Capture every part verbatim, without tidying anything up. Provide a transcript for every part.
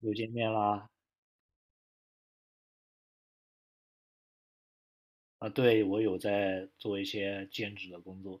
又见面啦。啊，对，我有在做一些兼职的工作。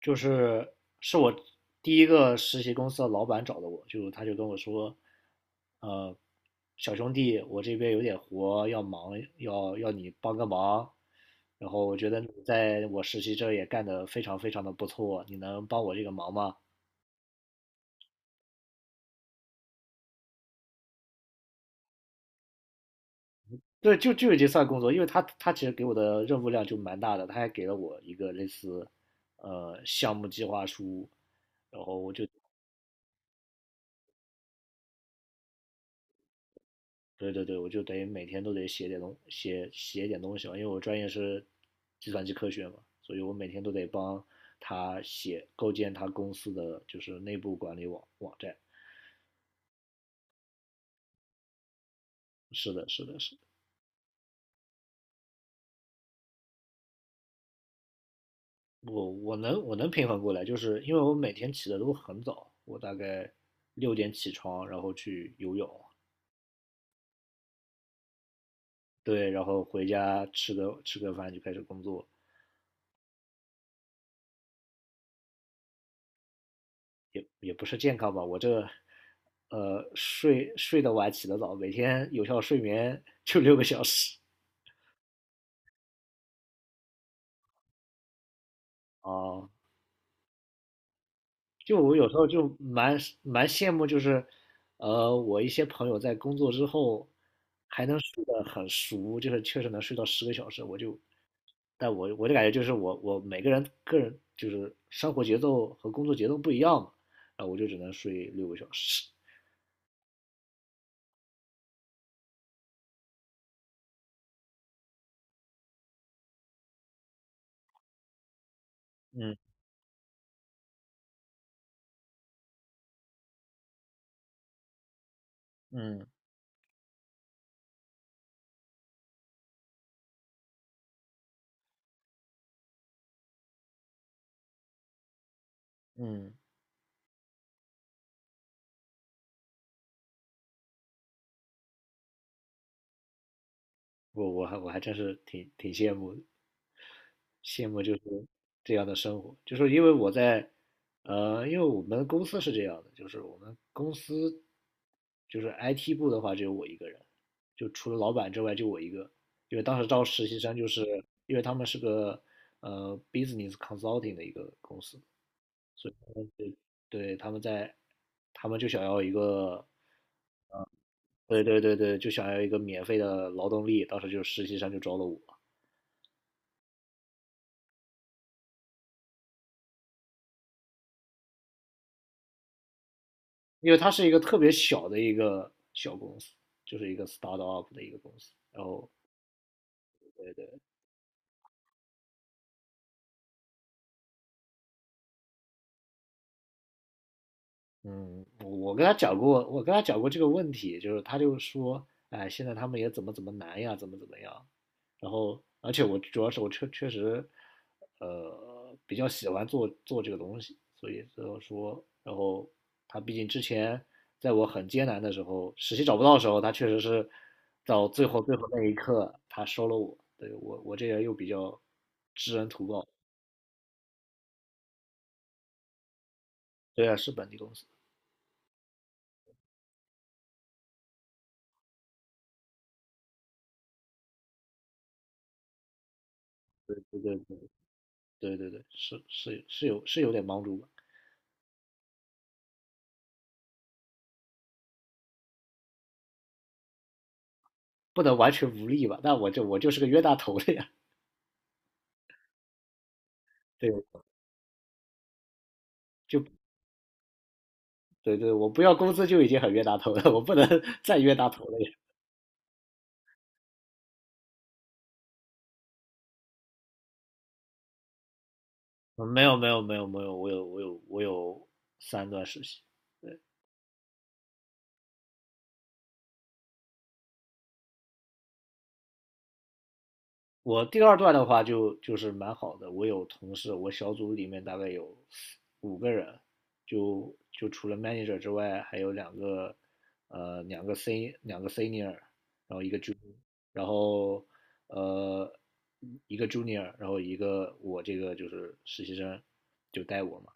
就是是我第一个实习公司的老板找的我，就他就跟我说，呃，小兄弟，我这边有点活要忙，要要你帮个忙，然后我觉得你在我实习这也干得非常非常的不错，你能帮我这个忙吗？对，就就已经算工作，因为他他其实给我的任务量就蛮大的，他还给了我一个类似，呃，项目计划书，然后我就对对对，我就等于每天都得写点东写写点东西嘛，因为我专业是计算机科学嘛，所以我每天都得帮他写构建他公司的就是内部管理网网站。是的，是的，是的，我我能我能平衡过来，就是因为我每天起的都很早，我大概六点起床，然后去游泳。对，然后回家吃个吃个饭就开始工作。也也不是健康吧，我这呃睡睡得晚起得早，每天有效睡眠 就六个小时啊。就我有时候就蛮蛮羡慕，就是呃我一些朋友在工作之后还能睡得很熟，就是确实能睡到十个小时，我就但我我就感觉就是我我每个人个人就是生活节奏和工作节奏不一样嘛，然后我就只能睡六个小时。嗯嗯嗯，我我还我还真是挺挺羡慕的。羡慕就是这样的生活，就是因为我在，呃，因为我们公司是这样的，就是我们公司就是 I T 部的话只有我一个人，就除了老板之外就我一个。因为当时招实习生，就是因为他们是个呃 business consulting 的一个公司。对，对，他们在，他们就想要一个，呃对对对对，就想要一个免费的劳动力，当时就实习生就招了我。因为它是一个特别小的一个小公司，就是一个 start up 的一个公司，然后嗯，我跟他讲过，我跟他讲过这个问题，就是他就说，哎，现在他们也怎么怎么难呀，怎么怎么样。然后，而且我主要是我确确实，呃，比较喜欢做做这个东西，所以就说，然后他毕竟之前在我很艰难的时候，实习找不到的时候，他确实是到最后最后那一刻，他收了我。对，我我这人又比较知恩图报。对啊，是本地公司。对对对，是是是有是有点帮助吧。不能完全无力吧？那我就我就是个冤大头了呀 对，就对对，我不要工资就已经很冤大头了，我不能 再冤大头了呀。嗯没有没有没有没有，我有我有我有三段实习。我第二段的话就就是蛮好的，我有同事，我小组里面大概有五个人，就就除了 manager 之外，还有两个呃两个 sen 两个 senior,然后呃一个 junior,然后一个我这个就是实习生就带我嘛。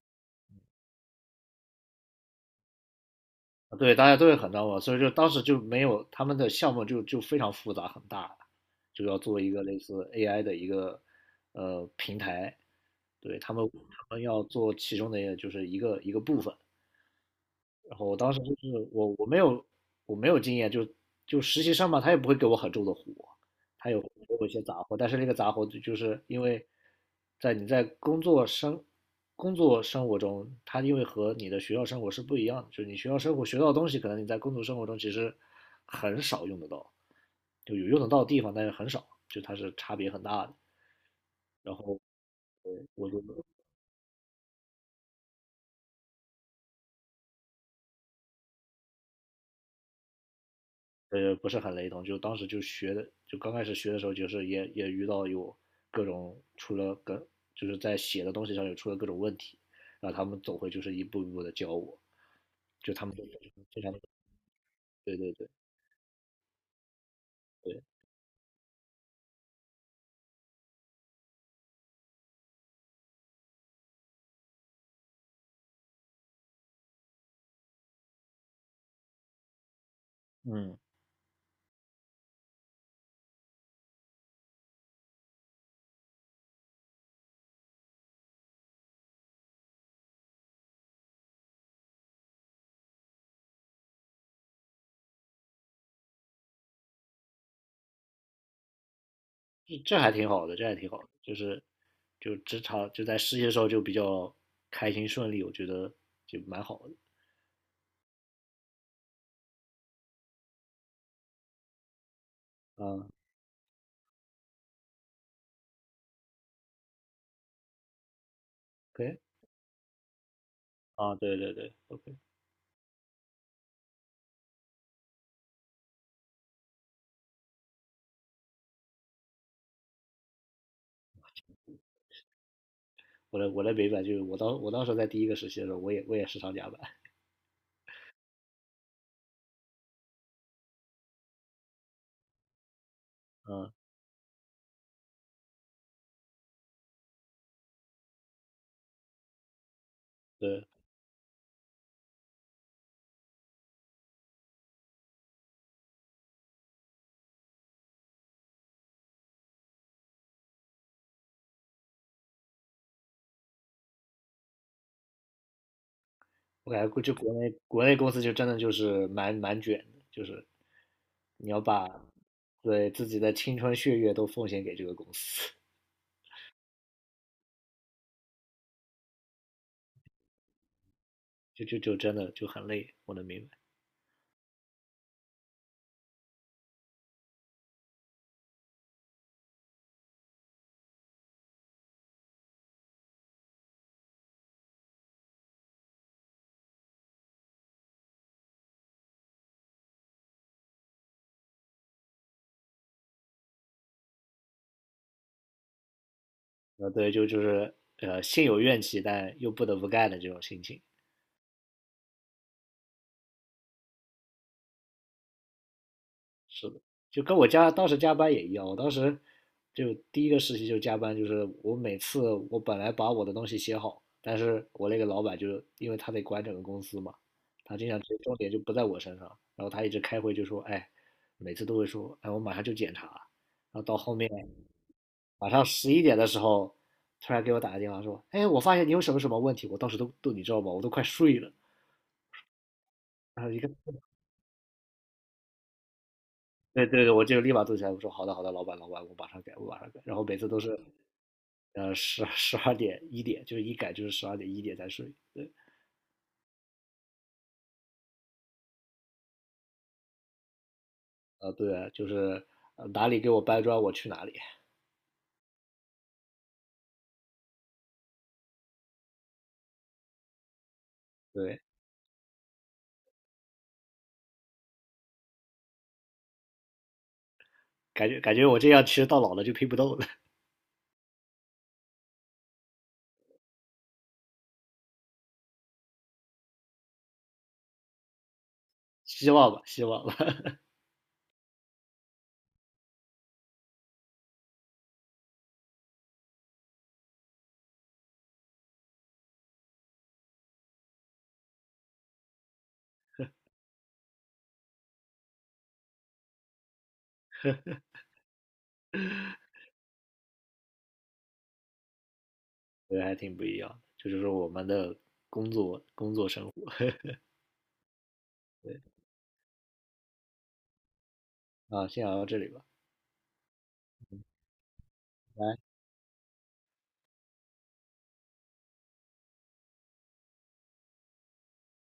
对，大家都会很当我，所以就当时就没有他们的项目就就非常复杂很大，就要做一个类似 A I 的一个呃平台，对他们他们要做其中的就是一个一个部分，然后我当时就是我我没有我没有经验。就就实习生嘛，他也不会给我很重的活，他有给我一些杂活，但是那个杂活就就是因为在你在工作生工作生活中，他因为和你的学校生活是不一样的，就是你学校生活学到的东西，可能你在工作生活中其实很少用得到，就有用得到的地方，但是很少，就它是差别很大的。然后我就呃，不是很雷同，就当时就学的，就刚开始学的时候，就是也也遇到有各种出了各，就是在写的东西上有出了各种问题，然后他们总会就是一步一步的教我，就他们就非常，对对对对。嗯，这这还挺好的，这还挺好的，就是就职场就在实习的时候就比较开心顺利，我觉得就蛮好的。啊，可以。啊，对对对，OK,我来我来北版，就是我当我当时在第一个实习的时候，我也我也时常加班。嗯，对。我感觉估就国内国内公司就真的就是蛮蛮卷的，就是你要把对自己的青春血液都奉献给这个公司，就就就真的就很累，我能明白。呃，对，就就是呃心有怨气，但又不得不干的这种心情。是的，就跟我加当时加班也一样，我当时就第一个事情就是加班，就是我每次我本来把我的东西写好，但是我那个老板就是因为他得管整个公司嘛，他经常重点就不在我身上，然后他一直开会就说，哎，每次都会说，哎，我马上就检查，然后到后面晚上十一点的时候，突然给我打个电话说，哎，我发现你有什么什么问题，我当时都都你知道吧，我都快睡了。然后一个，对对对，我就立马坐起来，我说好的好的，老板老板，我马上改，我马上改。然后每次都是呃，十十二点一点，就是一改就是十二点一点才睡。对，啊、呃对啊，就是呃哪里给我搬砖，我去哪里。对，感觉感觉我这样其实到老了就拼不动了。希望吧，希望吧。对，还挺不一样这就是我们的工作工作生活。 啊。先聊到这里吧，拜拜。